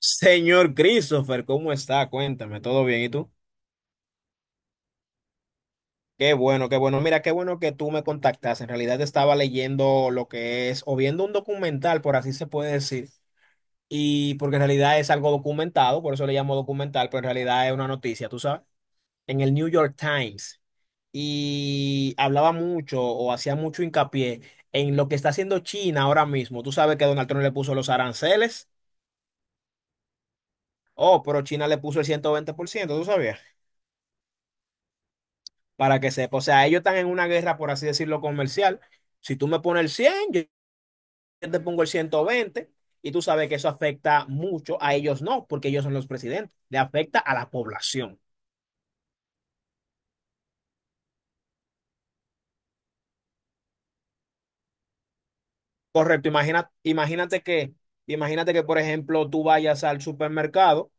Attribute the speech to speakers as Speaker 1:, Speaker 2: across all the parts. Speaker 1: Señor Christopher, ¿cómo está? Cuéntame, ¿todo bien? ¿Y tú? Qué bueno, qué bueno. Mira, qué bueno que tú me contactas. En realidad estaba leyendo lo que es, o viendo un documental, por así se puede decir. Y porque en realidad es algo documentado, por eso le llamo documental, pero en realidad es una noticia, ¿tú sabes? En el New York Times. Y hablaba mucho o hacía mucho hincapié en lo que está haciendo China ahora mismo. Tú sabes que Donald Trump le puso los aranceles. Oh, pero China le puso el 120%. ¿Tú sabías? Para que sepa. O sea, ellos están en una guerra, por así decirlo, comercial. Si tú me pones el 100, yo te pongo el 120 y tú sabes que eso afecta mucho, a ellos no, porque ellos son los presidentes, le afecta a la población. Correcto, imagina, imagínate que, por ejemplo, tú vayas al supermercado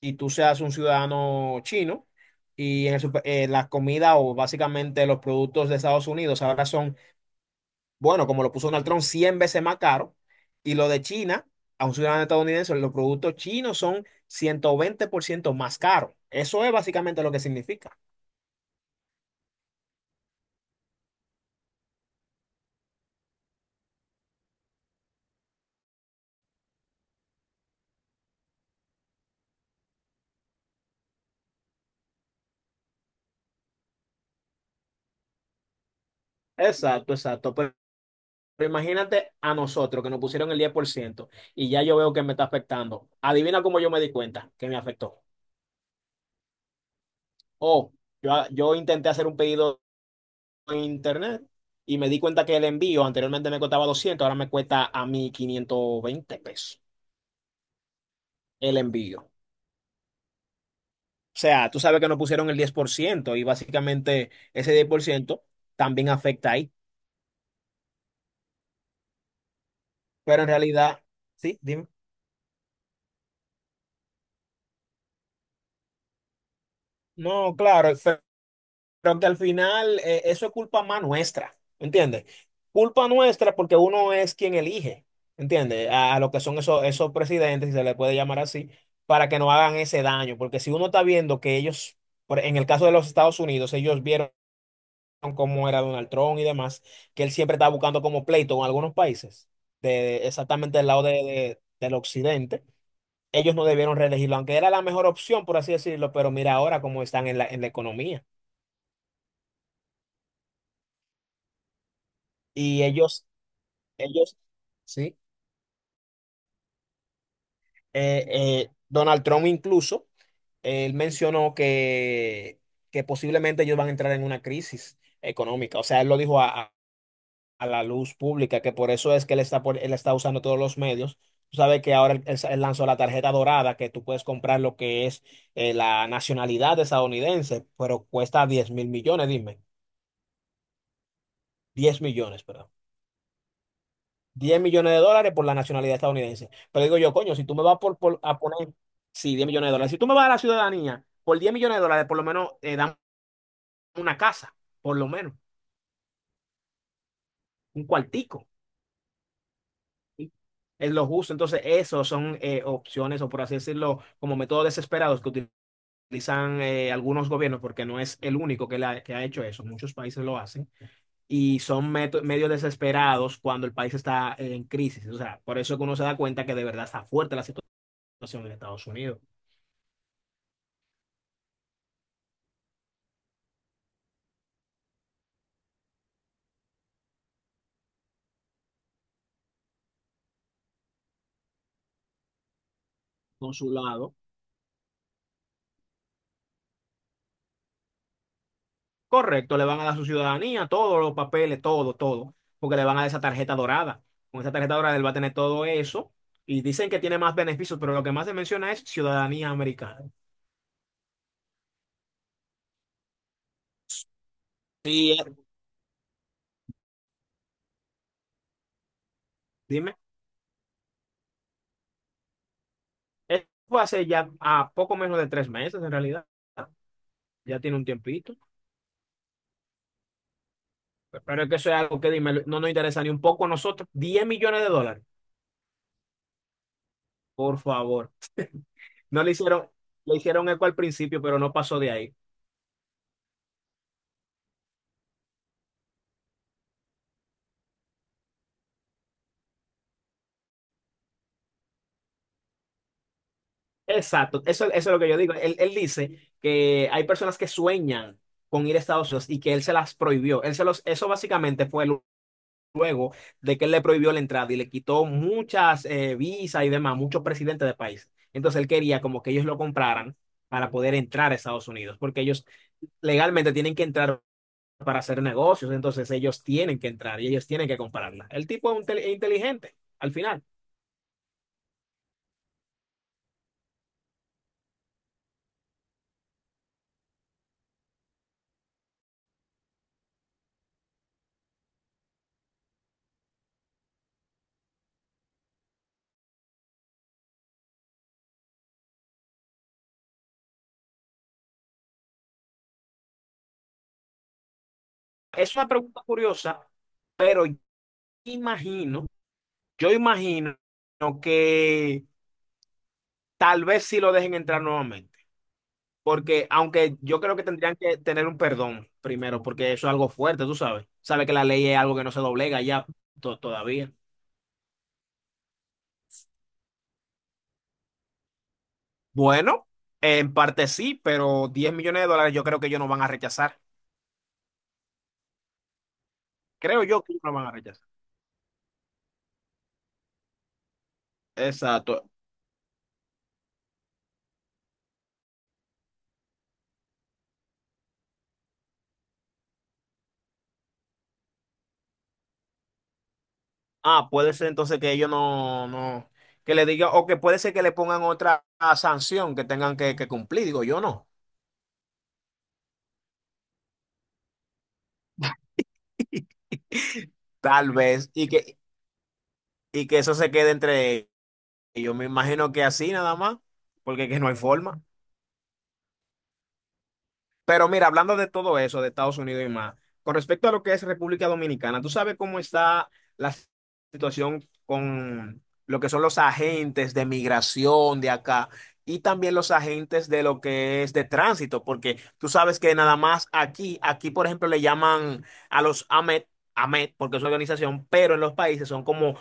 Speaker 1: y tú seas un ciudadano chino y en el la comida o básicamente los productos de Estados Unidos ahora son, bueno, como lo puso Donald Trump, 100 veces más caro. Y lo de China, a un ciudadano estadounidense, los productos chinos son 120% más caros. Eso es básicamente lo que significa. Exacto, exacto. Pero imagínate a nosotros que nos pusieron el 10% y ya yo veo que me está afectando. Adivina cómo yo me di cuenta que me afectó. Oh, yo intenté hacer un pedido en internet y me di cuenta que el envío anteriormente me costaba 200, ahora me cuesta a mí 520 pesos el envío. O sea, tú sabes que nos pusieron el 10% y básicamente ese 10% también afecta ahí. Pero en realidad, sí, dime. No, claro, pero que al final eso es culpa más nuestra, ¿entiendes? Culpa nuestra porque uno es quien elige, ¿entiendes? A lo que son esos, esos presidentes, si se les puede llamar así, para que no hagan ese daño. Porque si uno está viendo que ellos, en el caso de los Estados Unidos, ellos vieron cómo era Donald Trump y demás, que él siempre estaba buscando como pleito con algunos países, de, exactamente del lado de, del occidente. Ellos no debieron reelegirlo, aunque era la mejor opción, por así decirlo, pero mira ahora cómo están en la economía. Y ellos, sí, Donald Trump incluso, él mencionó que posiblemente ellos van a entrar en una crisis económica. O sea, él lo dijo a la luz pública, que por eso es que él está, él está usando todos los medios. Tú sabes que ahora él lanzó la tarjeta dorada, que tú puedes comprar lo que es la nacionalidad estadounidense, pero cuesta 10 mil millones, dime. Diez millones, perdón. 10 millones de dólares por la nacionalidad estadounidense. Pero digo yo, coño, si tú me vas a poner, sí, 10 millones de dólares. Si tú me vas a la ciudadanía por 10 millones de dólares, por lo menos dame una casa, por lo menos, un cuartico. Es lo justo. Entonces, esos son opciones, o por así decirlo, como métodos desesperados que utilizan algunos gobiernos, porque no es el único que, que ha hecho eso. Muchos países lo hacen. Y son medios desesperados cuando el país está en crisis. O sea, por eso es que uno se da cuenta que de verdad está fuerte la situación en Estados Unidos. Consulado. Correcto, le van a dar su ciudadanía, todos los papeles, todo, todo, porque le van a dar esa tarjeta dorada. Con esa tarjeta dorada él va a tener todo eso y dicen que tiene más beneficios, pero lo que más se menciona es ciudadanía americana. Y dime, esto fue hace ya a poco menos de 3 meses en realidad, ya tiene un tiempito, pero es que eso es algo que, dime, no nos interesa ni un poco a nosotros. 10 millones de dólares, por favor. No le hicieron, le hicieron eco al principio, pero no pasó de ahí. Exacto, eso es lo que yo digo. Él dice que hay personas que sueñan con ir a Estados Unidos y que él se las prohibió. Él se los, eso básicamente fue luego de que él le prohibió la entrada y le quitó muchas visas y demás, muchos presidentes de país. Entonces él quería como que ellos lo compraran para poder entrar a Estados Unidos, porque ellos legalmente tienen que entrar para hacer negocios, entonces ellos tienen que entrar y ellos tienen que comprarla. El tipo es un inteligente, al final. Es una pregunta curiosa, pero imagino. Yo imagino que tal vez sí lo dejen entrar nuevamente, porque aunque yo creo que tendrían que tener un perdón primero, porque eso es algo fuerte, tú sabes. Sabes que la ley es algo que no se doblega ya todavía. Bueno, en parte sí, pero 10 millones de dólares yo creo que ellos no van a rechazar. Creo yo que ellos no van a rechazar. Exacto. Ah, puede ser entonces que ellos no, no, que le digan, o que puede ser que le pongan otra sanción que tengan que cumplir, digo yo no. Tal vez, y que eso se quede entre ellos. Me imagino que así nada más, porque que no hay forma. Pero mira, hablando de todo eso, de Estados Unidos y más, con respecto a lo que es República Dominicana, ¿tú sabes cómo está la situación con lo que son los agentes de migración de acá? Y también los agentes de lo que es de tránsito, porque tú sabes que nada más aquí, aquí por ejemplo le llaman a los AMET, AMET, porque es una organización, pero en los países son como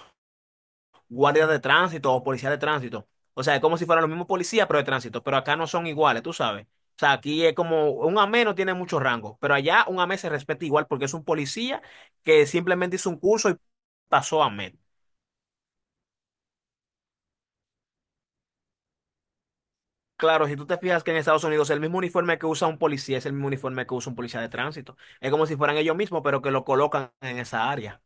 Speaker 1: guardias de tránsito o policías de tránsito. O sea, es como si fueran los mismos policías, pero de tránsito. Pero acá no son iguales, tú sabes. O sea, aquí es como un AME no tiene mucho rango, pero allá un AME se respeta igual porque es un policía que simplemente hizo un curso y pasó a AME. Claro, si tú te fijas que en Estados Unidos el mismo uniforme que usa un policía es el mismo uniforme que usa un policía de tránsito. Es como si fueran ellos mismos, pero que lo colocan en esa área.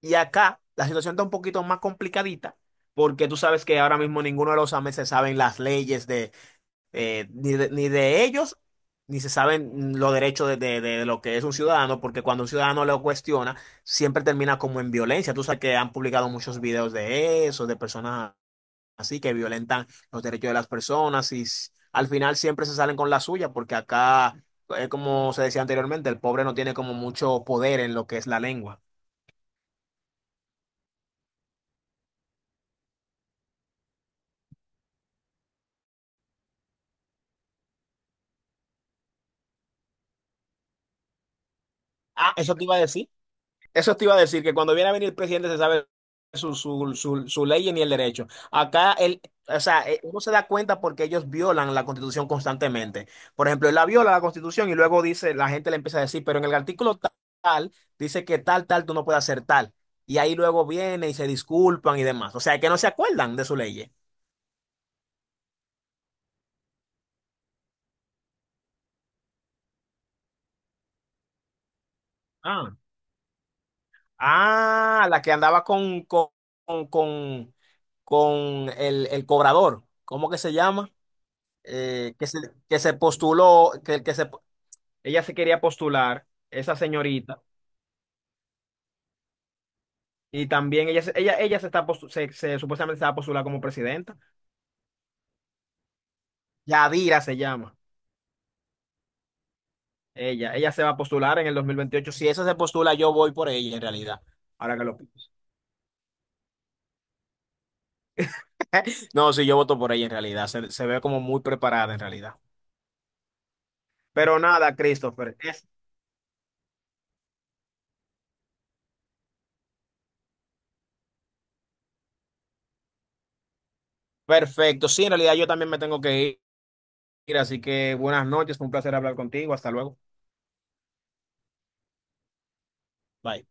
Speaker 1: Y acá la situación está un poquito más complicadita porque tú sabes que ahora mismo ninguno de los AME se saben las leyes de ni de, ni de ellos, ni se saben los derechos de, de lo que es un ciudadano, porque cuando un ciudadano lo cuestiona, siempre termina como en violencia. Tú sabes que han publicado muchos videos de eso, de personas así que violentan los derechos de las personas y al final siempre se salen con la suya, porque acá, como se decía anteriormente, el pobre no tiene como mucho poder en lo que es la lengua. Ah, eso te iba a decir. Eso te iba a decir, que cuando viene a venir el presidente se sabe su ley ni el derecho. Acá él, o sea, uno se da cuenta porque ellos violan la Constitución constantemente. Por ejemplo, él la viola la Constitución y luego dice, la gente le empieza a decir, pero en el artículo tal, dice que tal, tal, tú no puedes hacer tal. Y ahí luego viene y se disculpan y demás. O sea, que no se acuerdan de su ley. Ah, ah, la que andaba con, con el cobrador. ¿Cómo que se llama? eh, que se, que se postuló, que se... Ella se quería postular, esa señorita, y también ella, ella, ella se está supuestamente se va a postular como presidenta. Yadira se llama. Ella se va a postular en el 2028. Si esa se postula, yo voy por ella en realidad. Ahora que lo pienso. No, sí, yo voto por ella en realidad. Se ve como muy preparada en realidad. Pero nada, Christopher, es... Perfecto. Sí, en realidad yo también me tengo que ir, así que buenas noches. Fue un placer hablar contigo. Hasta luego. Bye.